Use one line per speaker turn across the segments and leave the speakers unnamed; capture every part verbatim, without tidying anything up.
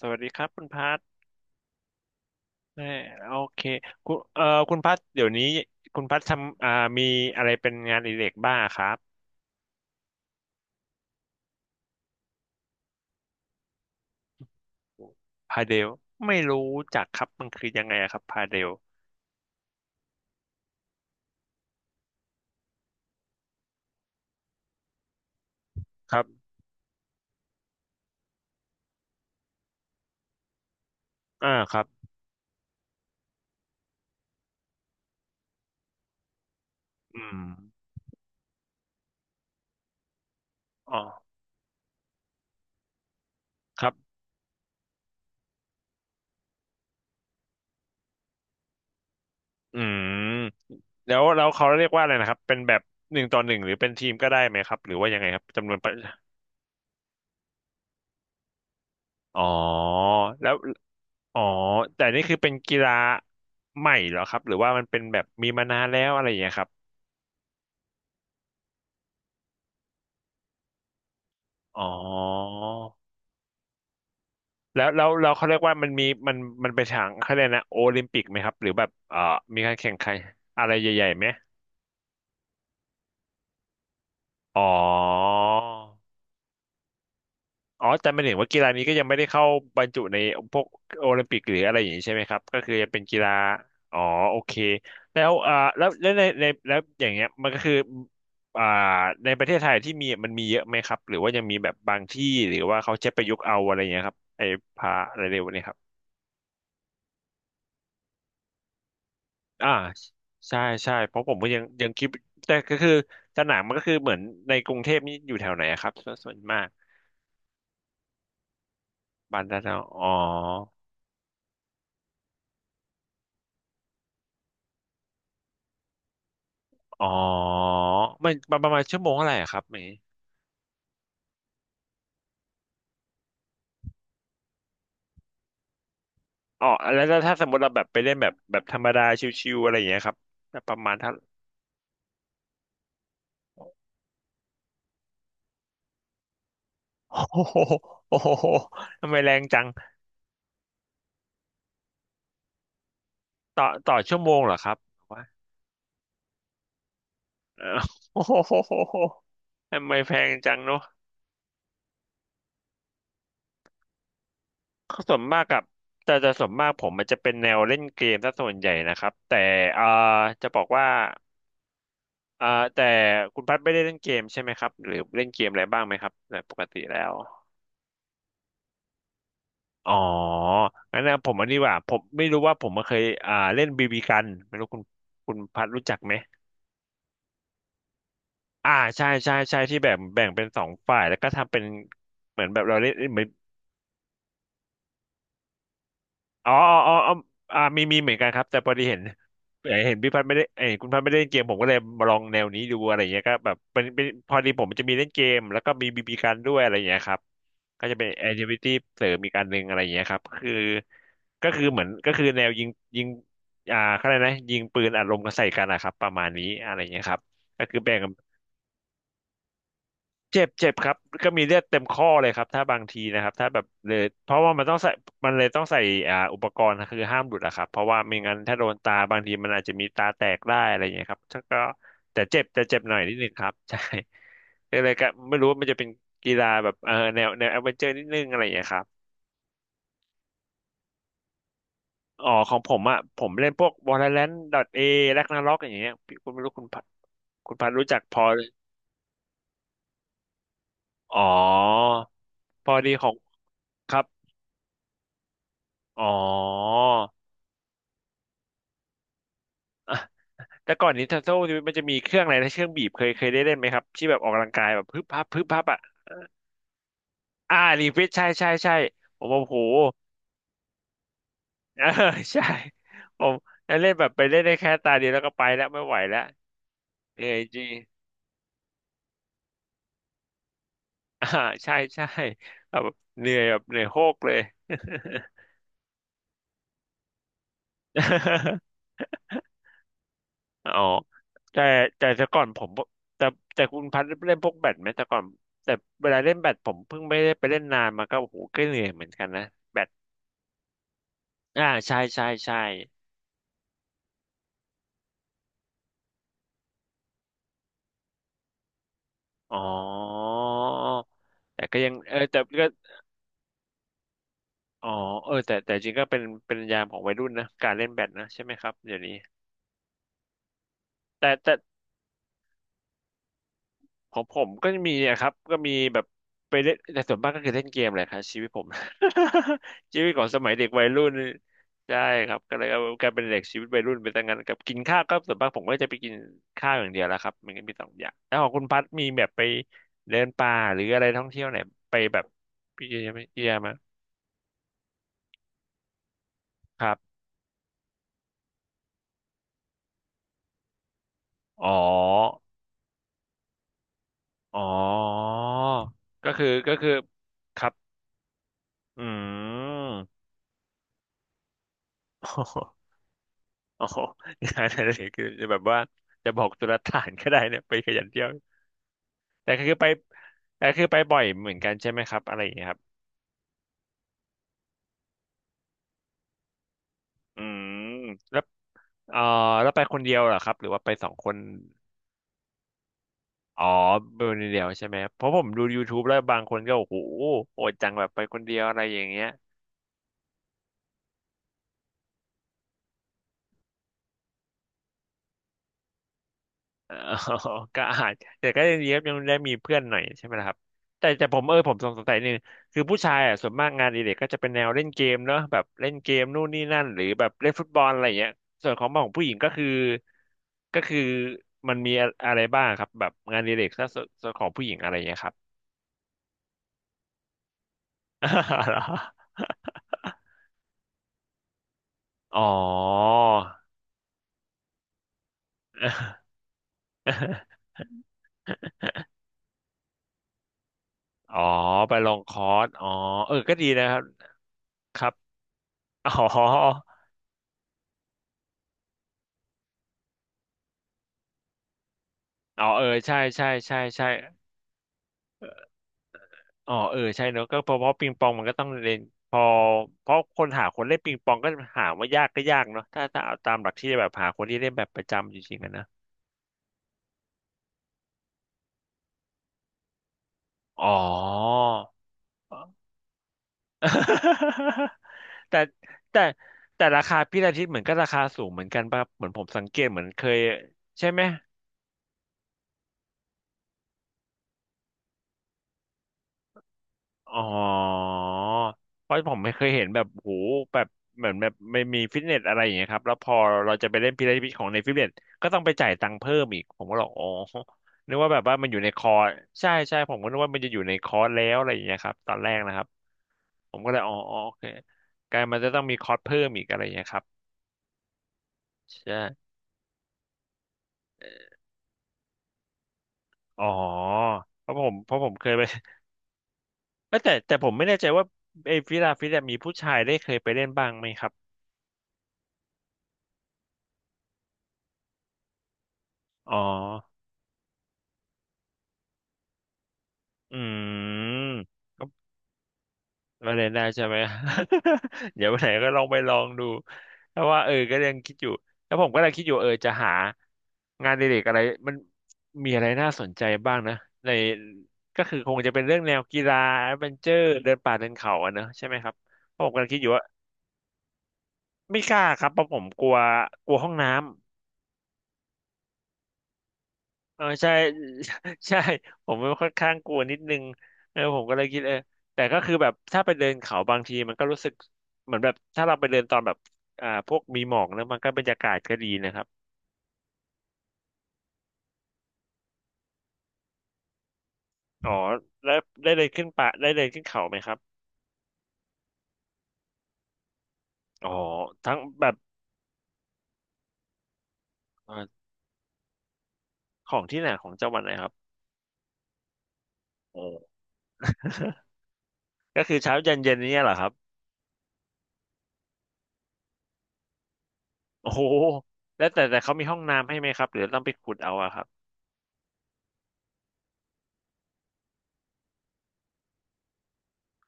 สวัสดีครับคุณพัทแม่โอเคคุณเอ่อคุณพัทเดี๋ยวนี้คุณพัททำอ่ามีอะไรเป็นงานอดิเรกบ้างครับพาเดลไม่รู้จักครับมันคือยังไงอะครับพาเดลครับอ่าครับอืมอ๋อครับอืมแล้วแล้วเขาเรียกว่าอะไรนะครับเป็นแบบหนึ่งต่อหนึ่งหรือเป็นทีมก็ได้ไหมครับหรือว่ายังไงครับจำนวนประอ๋อแล้วอ๋อแต่นี่คือเป็นกีฬาใหม่เหรอครับหรือว่ามันเป็นแบบมีมานานแล้วอะไรอย่างเงี้ยครับอ๋อ แล้วแล้วล้เขาเรียกว่ามันมีมันมันไปนทางเขาเรียกนะโอลิมปิกไหมครับหรือแบบเอ่อมีการแข่งขันอะไรใหญ่ๆไหมอ๋ออ๋อแต่ไม่เห็นว่ากีฬานี้ก็ยังไม่ได้เข้าบรรจุในพวกโอลิมปิกหรืออะไรอย่างนี้ใช่ไหมครับก็คือจะเป็นกีฬาอ๋อโอเคแล้วอ่าแล้วแล้วในในแล้วอย่างเงี้ยมันก็คืออ่าในประเทศไทยที่มีมันมีเยอะไหมครับหรือว่ายังมีแบบบางที่หรือว่าเขาใช้ประยุกต์เอาอะไรอย่างเงี้ยครับไอ้พาอะไรเร็วเนี่ยครับ อ่าใช่ใช่เพราะผมก็ยังยังคิดแต่ก็คือสนามมันก็คือเหมือนในกรุงเทพนี่อยู่แถวไหนอะครับส่วนส่วนมากบางนานาอ๋ออ๋อมันประประมาณชั่วโมงเท่าไหร่อะครับเมย์อ๋อแล้วแล้วถ้าสมมติเราแบบไปเล่นแบบแบบธรรมดาชิวๆอะไรอย่างเงี้ยครับประมาณเท่าโอ้โหโอ้โหทำไมแรงจังต่อต่อชั่วโมงเหรอครับว่าเออโอ้โหทำไมแพงจังเนอะ ส่วนมากกับแต่จะส่วนมากผมมันจะเป็นแนวเล่นเกมซะส่วนใหญ่นะครับแต่เอ่าจะบอกว่าเอ่าแต่คุณพัดไม่ได้เล่นเกมใช่ไหมครับหรือเล่นเกมอะไรบ้างไหมครับในปกติแล้วอ๋องั้นนะผมอันนี้ว่าผมไม่รู้ว่าผมเคยอ่าเล่นบีบีกันไม่รู้คุณคุณพัดรู้จักไหมอ่าใช่ใช่ใช่ที่แบบแบ่งเป็นสองฝ่ายแล้วก็ทำเป็นเหมือนแบบเราเล่นเหมือน อ๋ออ๋ออ๋ออออ่ามีมีเหมือนกันครับแต่พอดีเห็นเห็นพี่พัดไม่ได้เอ้ยคุณพัดไม่ได้เล่นเกมผมก็เลยมาลองแนวนี้ดูอะไรเงี้ยก็แบบเป็นเป็นพอดีผมจะมีเล่นเกมแล้วก็มีบีบีกันด้วยอะไรเงี้ยครับก็จะเป็นแอคทิวิตี้เสริมอีกอันหนึ่งอะไรเงี้ยครับคือก็คือเหมือนก็คือแนวยิงยิงอ่าเขาเรียกนะยิงปืนอัดลมกันใส่กันนะครับประมาณนี้อะไรเงี้ยครับก็คือแบ่ง เจ็บเจ็บครับก็มีเลือดเต็มข้อเลยครับถ้าบางทีนะครับถ้าแบบเลยเพราะว่ามันต้องใส่มันเลยต้องใส่อ่าอุปกรณ์คือห้ามหลุดอะครับเพราะว่าไม่งั้นถ้าโดนตาบางทีมันอาจจะมีตาแตกได้อะไรอย่างเงี้ยครับถ้าก็แต่เจ็บแต่เจ็บหน่อยนิดนึงครับ ใช่ก็เลยก็ไม่รู้ว่ามันจะเป็นกีฬาแบบเออแนวแนวแอดเวนเจอร์นิดนึงอะไรอย่างเงี้ยครับอ๋อของผมอะผมเล่นพวก Valorant .A Ragnarok อย่างเงี้ยพี่คุณไม่รู้คุณพัดคุณพัดรู้จักพออ๋อพอดีของครับอ๋อ แต่ก่อน Nintendo มันจะมีเครื่องอะไรนะเครื่องบีบเคยเคยได้เล่นไหมครับที่แบบออกกำลังกายแบบพึบพับพึบพับอ่ะอ่ารีเฟรชใช่ใช่ใช่ผมโอ้โหเออ ใช่ผมเล่นแบบไปเล่นได้แค่ตาเดียวแล้วก็ไปแล้วไม่ไหวแล้วเหนื่อยจริง อ่าใช่ใช่แบบเหนื่อยแบบเหนื่อยโฮกเลย อ๋อแต่แต่แต่ก่อนผมแต่แต่คุณพัดเล่นพวกแบดไหมแต่ก่อนแต่เวลาเล่นแบดผมเพิ่งไม่ได้ไปเล่นนานมาก็โอ้โหก็เหนื่อยเหมือนกันนะแบด อ่าใช่ใช่ใช่ อ๋อแต่ก็ยังเออแต่ก็อ๋อเออแต่แต่จริงก็เป็นเป็นยามของวัยรุ่นนะการเล่นแบดนะใช่ไหมครับเดี๋ยวนี้แต่แต่ ของผมก็มีอะครับก็มีแบบไปเล่นแต่ส่วนมากก็คือเล่นเกมแหละครับชีวิตผม ชีวิตของสมัยเด็กวัยรุ่นใช่ครับก็เลยเอากลายเป็นเด็กชีวิตวัยรุ่นไปตั้งงั้นกับกินข้าวก็ส่วนมากผมก็จะไปกินข้าวอย่างเดียวแล้วครับมันก็มีสองอย่างแล้วของคุณพัดมีแบบไปเดินป่าหรืออะไรท่องเที่ยวไหนไปแบบพี่เยี่ยมเยี่ยมไหมาครับอ๋ออ๋อก็คือก็คือครับอืม อ๋องานอะไรคือจะแบบว่าจะบอกตุลาฐานก็ได้เนี่ยไปขยันเที่ยวแต่ก็คือไปแต่คือไปบ่อยเหมือนกันใช่ไหมครับอะไรอย่างเงี้ยครับอืมแล้วเอ่อแล้วไปคนเดียวเหรอครับหรือว่าไปสองคนอ๋อไปคนเดียวใช่ไหมเพราะผมดู ยูทูบ แล้วบางคนก็โอ้โหโหดจังแบบไปคนเดียวอะไรอย่างเงี้ย อ๋อ ก็อาจแต่ก็ยังดีครับยังได้มีเพื่อนหน่อยใช่ไหมล่ะครับแต่แต่ผมเออผมสงสัยนึงคือผู้ชายอ่ะส่วนมากงานอดิเรกก็จะเป็นแนวเล่นเกมเนอะแบบเล่นเกมนู่นนี่นั่นหรือแบบเล่นฟุตบอลอะไรอย่างเงี้ยส่วนของของผู้หญิงก็คือก็คือมันมีอะไรบ้างครับแบบงานอดิเรกถ้าส่วนส่วนของผู้หญิงอะไรอย่างเงี้ยครับ อ๋อ อ๋อไปลงคอร์สอ๋อเออก็ดีนะครับครับ อ๋อ อ๋อเออใช่ใช่ใช่ใช่อ๋อเออใช่เนอะก็เพราะเพราะปิงปองมันก็ต้องเล่นพอเพราะคนหาคนเล่นปิงปองก็หาว่ายากก็ยากเนาะถ้าถ้าเอาตามหลักที่แบบหาคนที่เล่นแบบประจำจริงๆอะนะอ๋อ แต่แต่แต่ราคาพี่อาทิตย์เหมือนก็ราคาสูงเหมือนกันป่ะเหมือนผมสังเกตเหมือนเคยใช่ไหม อ๋อเพราะผมไม่เคยเห็นแบบโหแบบเหมือนแบบไม่มีฟิตเนสอะไรอย่างเงี้ยครับแล้วพอเราจะไปเล่นพีระมิดของในฟิตเนสก็ต้องไปจ่ายตังค์เพิ่มอีกผมก็บอกอ๋อนึกว่าแบบว่ามันอยู่ในคอร์สใช่ใช่ผมก็นึกว่ามันจะอยู่ในคอร์สแล้วอะไรอย่างเงี้ยครับตอนแรกนะครับผมก็เลยอ๋ออ๋อโอเคกลายมันจะต้องมีคอร์สเพิ่มอีกอะไรอย่างเงี้ยครับใช่อ๋อเพราะผมเพราะผมเคยไป เอ้ยแต่แต่ผมไม่แน่ใจว่าไอ้ฟิลาฟิตเนสมีผู้ชายได้เคยไปเล่นบ้างไหมครับอ๋ออืม มาเรียนได้ใช่ไหม เดี๋ยววันไหนก็ลองไปลองดูแต่ว่าเออก็ยังคิดอยู่แล้วผมก็เลยคิดอยู่เออจะหางานอดิเรกอะไรมันมีอะไรน่าสนใจบ้างนะในก็คือคงจะเป็นเรื่องแนวกีฬาแอดเวนเจอร์เดินป่าเดินเขาอะเนอะใช่ไหมครับเพราะผมกำลังคิดอยู่ว่าไม่กล้าครับเพราะผมกลัวกลัวห้องน้ำ เออใช่ ใช่ผมมันค่อนข้างกลัวนิดนึงเออผมก็เลยคิดเออแต่ก็คือแบบถ้าไปเดินเขาบางทีมันก็รู้สึกเหมือนแบบถ้าเราไปเดินตอนแบบอ่าพวกมีหมอกแล้วมันก็บรรยากาศก็ดีนะครับอ๋อแล้วได้เดินขึ้นป่าได้เดินขึ้นเขาไหมครับอ๋อทั้งแบบเอ่อของที่ไหนของจังหวัดไหนครับโอ้ ก็คือเช้าเย็นเย็นนี้เหรอครับโอ้โหแล้วแต่แต่เขามีห้องน้ำให้ไหมครับหรือต้องไปขุดเอาอะครับ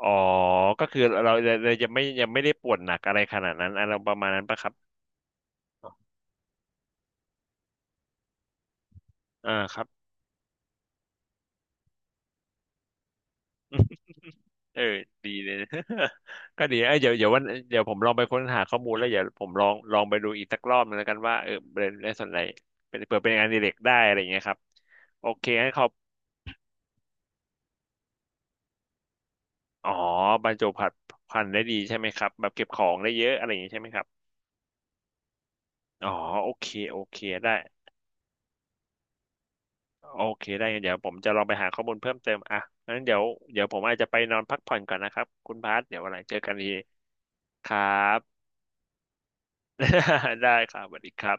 อ๋อก็คือเราเราจะไม่ยังไม่ได้ปวดหนักอะไรขนาดนั้นอะไรประมาณนั้นปะครับอ่าครับเออดีเลย ก็ดีเอ้ยเดี๋ยวเดี๋ยววันเดี๋ยวผมลองไปค้นหาข้อมูลแล้วเดี๋ยวผมลองลองไปดูอีกสักรอบนึงแล้วกันว่าเออเป็นในส่วนไหนเป็นเผื่อเป็นงานอดิเรกได้อะไรอย่างเงี้ยครับโอเคงั้นเขาอ๋อบรรจุผัดพันธุ์ได้ดีใช่ไหมครับแบบเก็บของได้เยอะอะไรอย่างเงี้ยใช่ไหมครับอ๋อโอเคโอเคได้ โอเคได้งั้นเดี๋ยวผมจะลองไปหาข้อมูลเพิ่มเติมอ่ะงั้นเดี๋ยวเดี๋ยวผมอาจจะไปนอนพักผ่อนก่อนนะครับคุณพาสเดี๋ยววันไหนเจอกันดีครับ ได้ครับสวัสดีครับ